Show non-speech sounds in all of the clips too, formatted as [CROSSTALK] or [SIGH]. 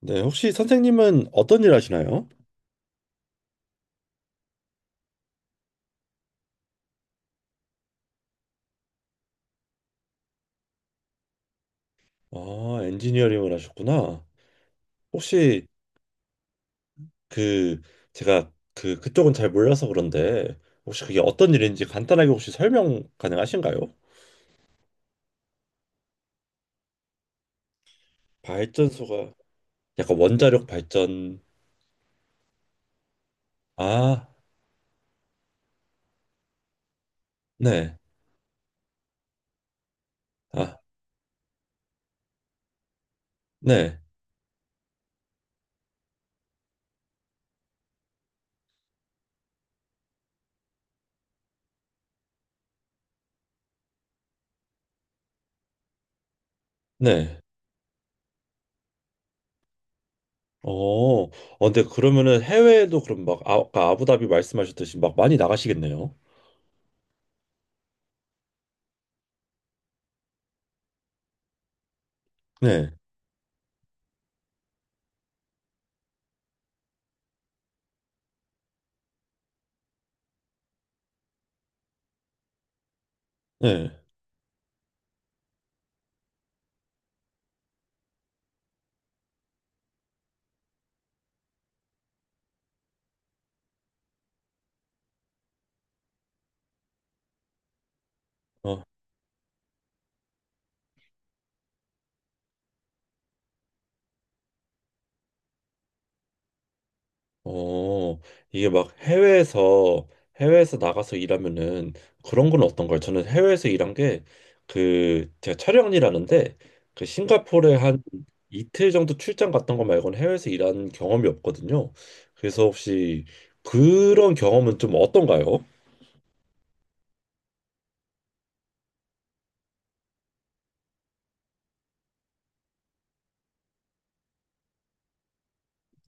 네, 혹시 선생님은 어떤 일 하시나요? 아, 엔지니어링을 하셨구나. 혹시 그 제가 그 그쪽은 잘 몰라서 그런데 혹시 그게 어떤 일인지 간단하게 혹시 설명 가능하신가요? 발전소가 약간 원자력 발전. 아, 네. 아, 네. 네. 어, 어, 근데 그러면은 해외에도 그럼 막 아, 아까 아부다비 말씀하셨듯이 막 많이 나가시겠네요. 네. 네. 어, 어, 이게 막 해외에서 나가서 일하면은 그런 건 어떤가요? 저는 해외에서 일한 게 그, 제가 촬영 일하는데 그 싱가포르에 한 이틀 정도 출장 갔던 거 말고는 해외에서 일한 경험이 없거든요. 그래서 혹시 그런 경험은 좀 어떤가요?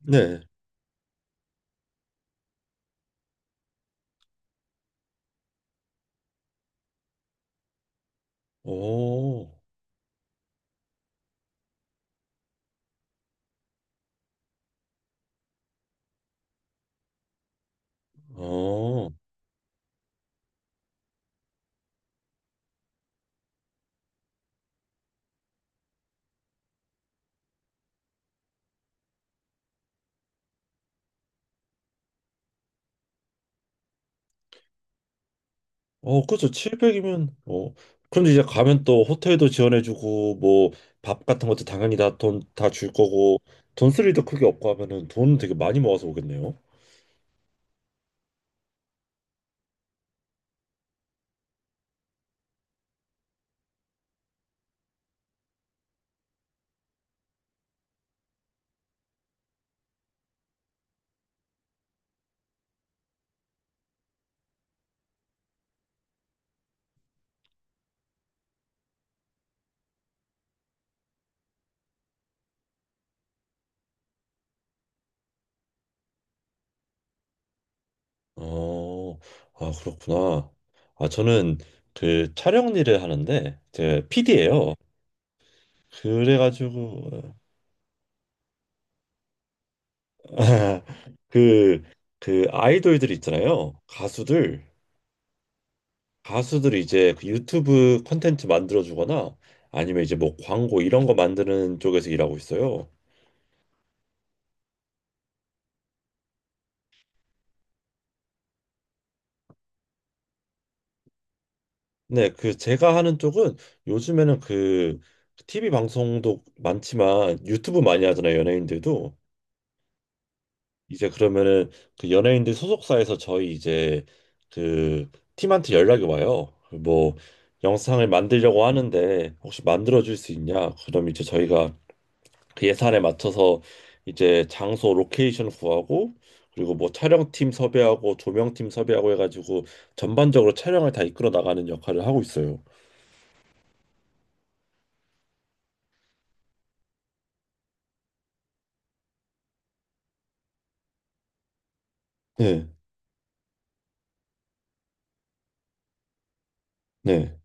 네. 오, 어. 어, 그렇죠. 700이면 어. 그런데 이제 가면 또 호텔도 지원해주고 뭐 밥 같은 것도 당연히 다 돈 다 줄 거고 돈 쓸 일도 크게 없고 하면은 돈 되게 많이 모아서 오겠네요. 어, 아 그렇구나. 아 저는 그 촬영 일을 하는데 제 PD예요. 그래가지고 [LAUGHS] 그 그 아이돌들 있잖아요. 가수들. 가수들이 이제 그 유튜브 콘텐츠 만들어주거나 아니면 이제 뭐 광고 이런 거 만드는 쪽에서 일하고 있어요. 네, 그 제가 하는 쪽은 요즘에는 그 TV 방송도 많지만 유튜브 많이 하잖아요, 연예인들도. 이제 그러면은 그 연예인들 소속사에서 저희 이제 그 팀한테 연락이 와요. 뭐 영상을 만들려고 하는데 혹시 만들어 줄 수 있냐? 그럼 이제 저희가 그 예산에 맞춰서 이제 장소 로케이션 구하고 그리고 뭐 촬영팀 섭외하고 조명팀 섭외하고 해가지고 전반적으로 촬영을 다 이끌어 나가는 역할을 하고 있어요. 네, 네.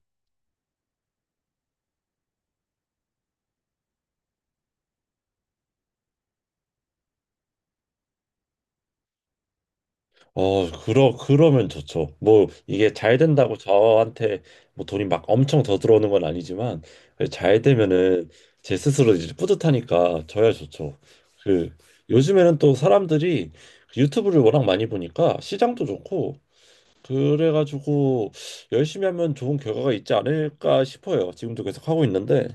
어, 그러면 좋죠. 뭐 이게 잘 된다고 저한테 뭐 돈이 막 엄청 더 들어오는 건 아니지만 잘 되면은 제 스스로 이제 뿌듯하니까 저야 좋죠. 그 요즘에는 또 사람들이 그 유튜브를 워낙 많이 보니까 시장도 좋고 그래가지고 열심히 하면 좋은 결과가 있지 않을까 싶어요. 지금도 계속 하고 있는데,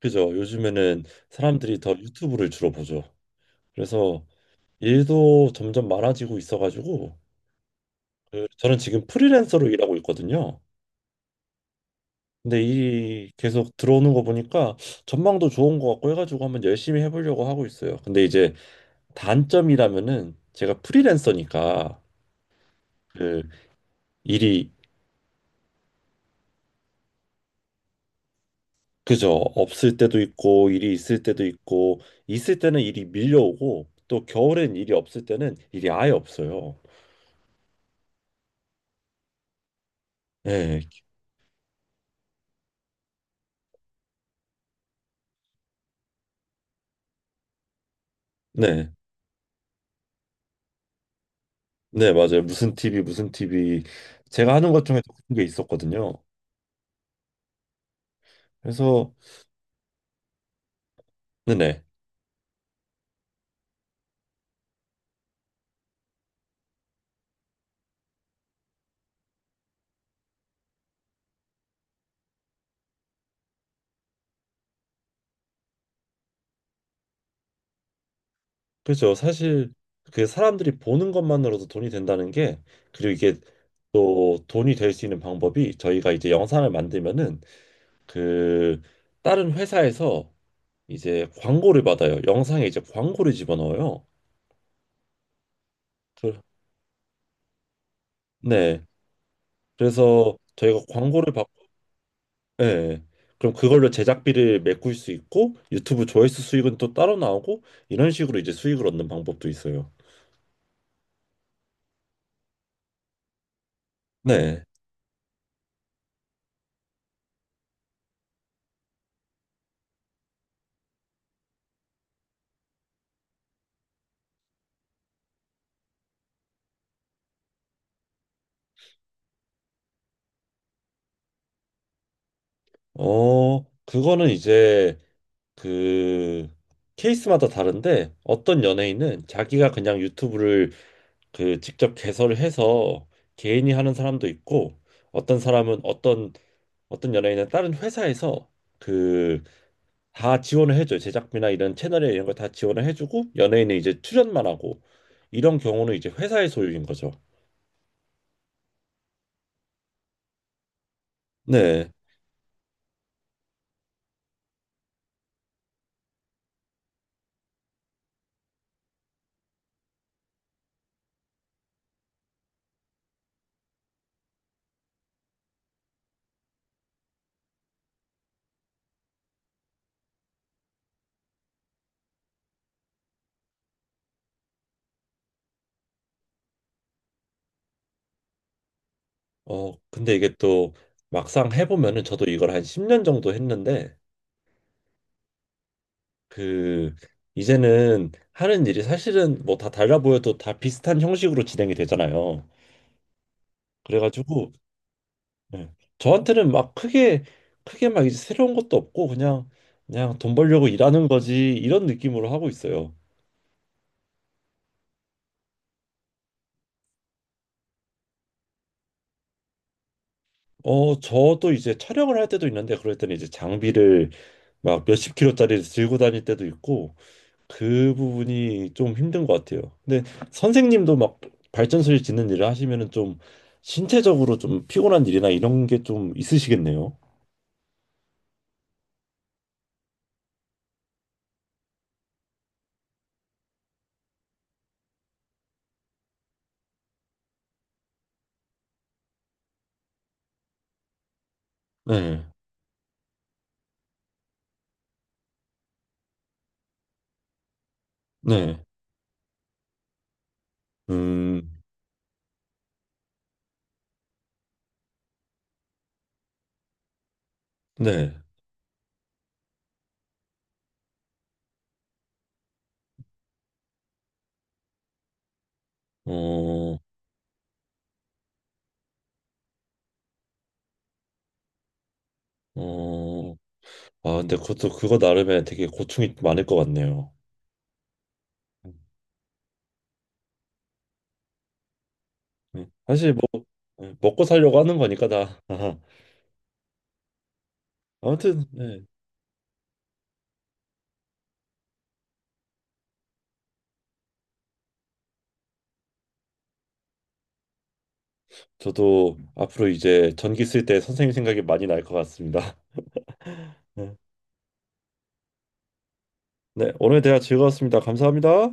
그죠? 요즘에는 사람들이 더 유튜브를 주로 보죠. 그래서 일도 점점 많아지고 있어가지고, 그 저는 지금 프리랜서로 일하고 있거든요. 근데 일이 계속 들어오는 거 보니까 전망도 좋은 것 같고 해가지고 한번 열심히 해보려고 하고 있어요. 근데 이제 단점이라면은 제가 프리랜서니까 그 일이 그죠. 없을 때도 있고, 일이 있을 때도 있고, 있을 때는 일이 밀려오고, 또 겨울엔 일이 없을 때는 일이 아예 없어요. 네, 네, 네, 맞아요. 무슨 TV, 무슨 TV. 제가 하는 것 중에 그런 게 있었거든요. 그래서, 네네. 그죠. 사실, 그 사람들이 보는 것만으로도 돈이 된다는 게, 그리고 이게 또 돈이 될 수 있는 방법이 저희가 이제 영상을 만들면은, 그, 다른 회사에서 이제 광고를 받아요. 영상에 이제 광고를 집어넣어요. 그- 네. 그래서 저희가 광고를 받고, 네. 그럼 그걸로 제작비를 메꿀 수 있고 유튜브 조회수 수익은 또 따로 나오고 이런 식으로 이제 수익을 얻는 방법도 있어요. 네. 어, 그거는 이제 그 케이스마다 다른데 어떤 연예인은 자기가 그냥 유튜브를 그 직접 개설을 해서 개인이 하는 사람도 있고 어떤 사람은 어떤 연예인은 다른 회사에서 그 다 지원을 해줘요. 제작비나 이런 채널에 이런 거 다 지원을 해주고 연예인은 이제 출연만 하고 이런 경우는 이제 회사의 소유인 거죠. 네. 어 근데 이게 또 막상 해보면은 저도 이걸 한 10년 정도 했는데 그 이제는 하는 일이 사실은 뭐 다 달라 보여도 다 비슷한 형식으로 진행이 되잖아요. 그래가지고 예. 저한테는 막 크게 크게 막 이제 새로운 것도 없고 그냥 그냥 돈 벌려고 일하는 거지 이런 느낌으로 하고 있어요. 어, 저도 이제 촬영을 할 때도 있는데 그럴 때는 이제 장비를 막 몇십 킬로짜리를 들고 다닐 때도 있고 그 부분이 좀 힘든 것 같아요. 근데 선생님도 막 발전소를 짓는 일을 하시면은 좀 신체적으로 좀 피곤한 일이나 이런 게 좀 있으시겠네요. 네, 네, 음, 네, 어, 어, 아, 근데 그것도 그거 나름에 되게 고충이 많을 것 같네요. 네. 사실 뭐 네, 먹고 살려고 하는 거니까 다. [LAUGHS] 아무튼, 네. 저도 앞으로 이제 전기 쓸 때 선생님 생각이 많이 날 것 같습니다. [LAUGHS] 네, 네, 오늘 대화 즐거웠습니다. 감사합니다.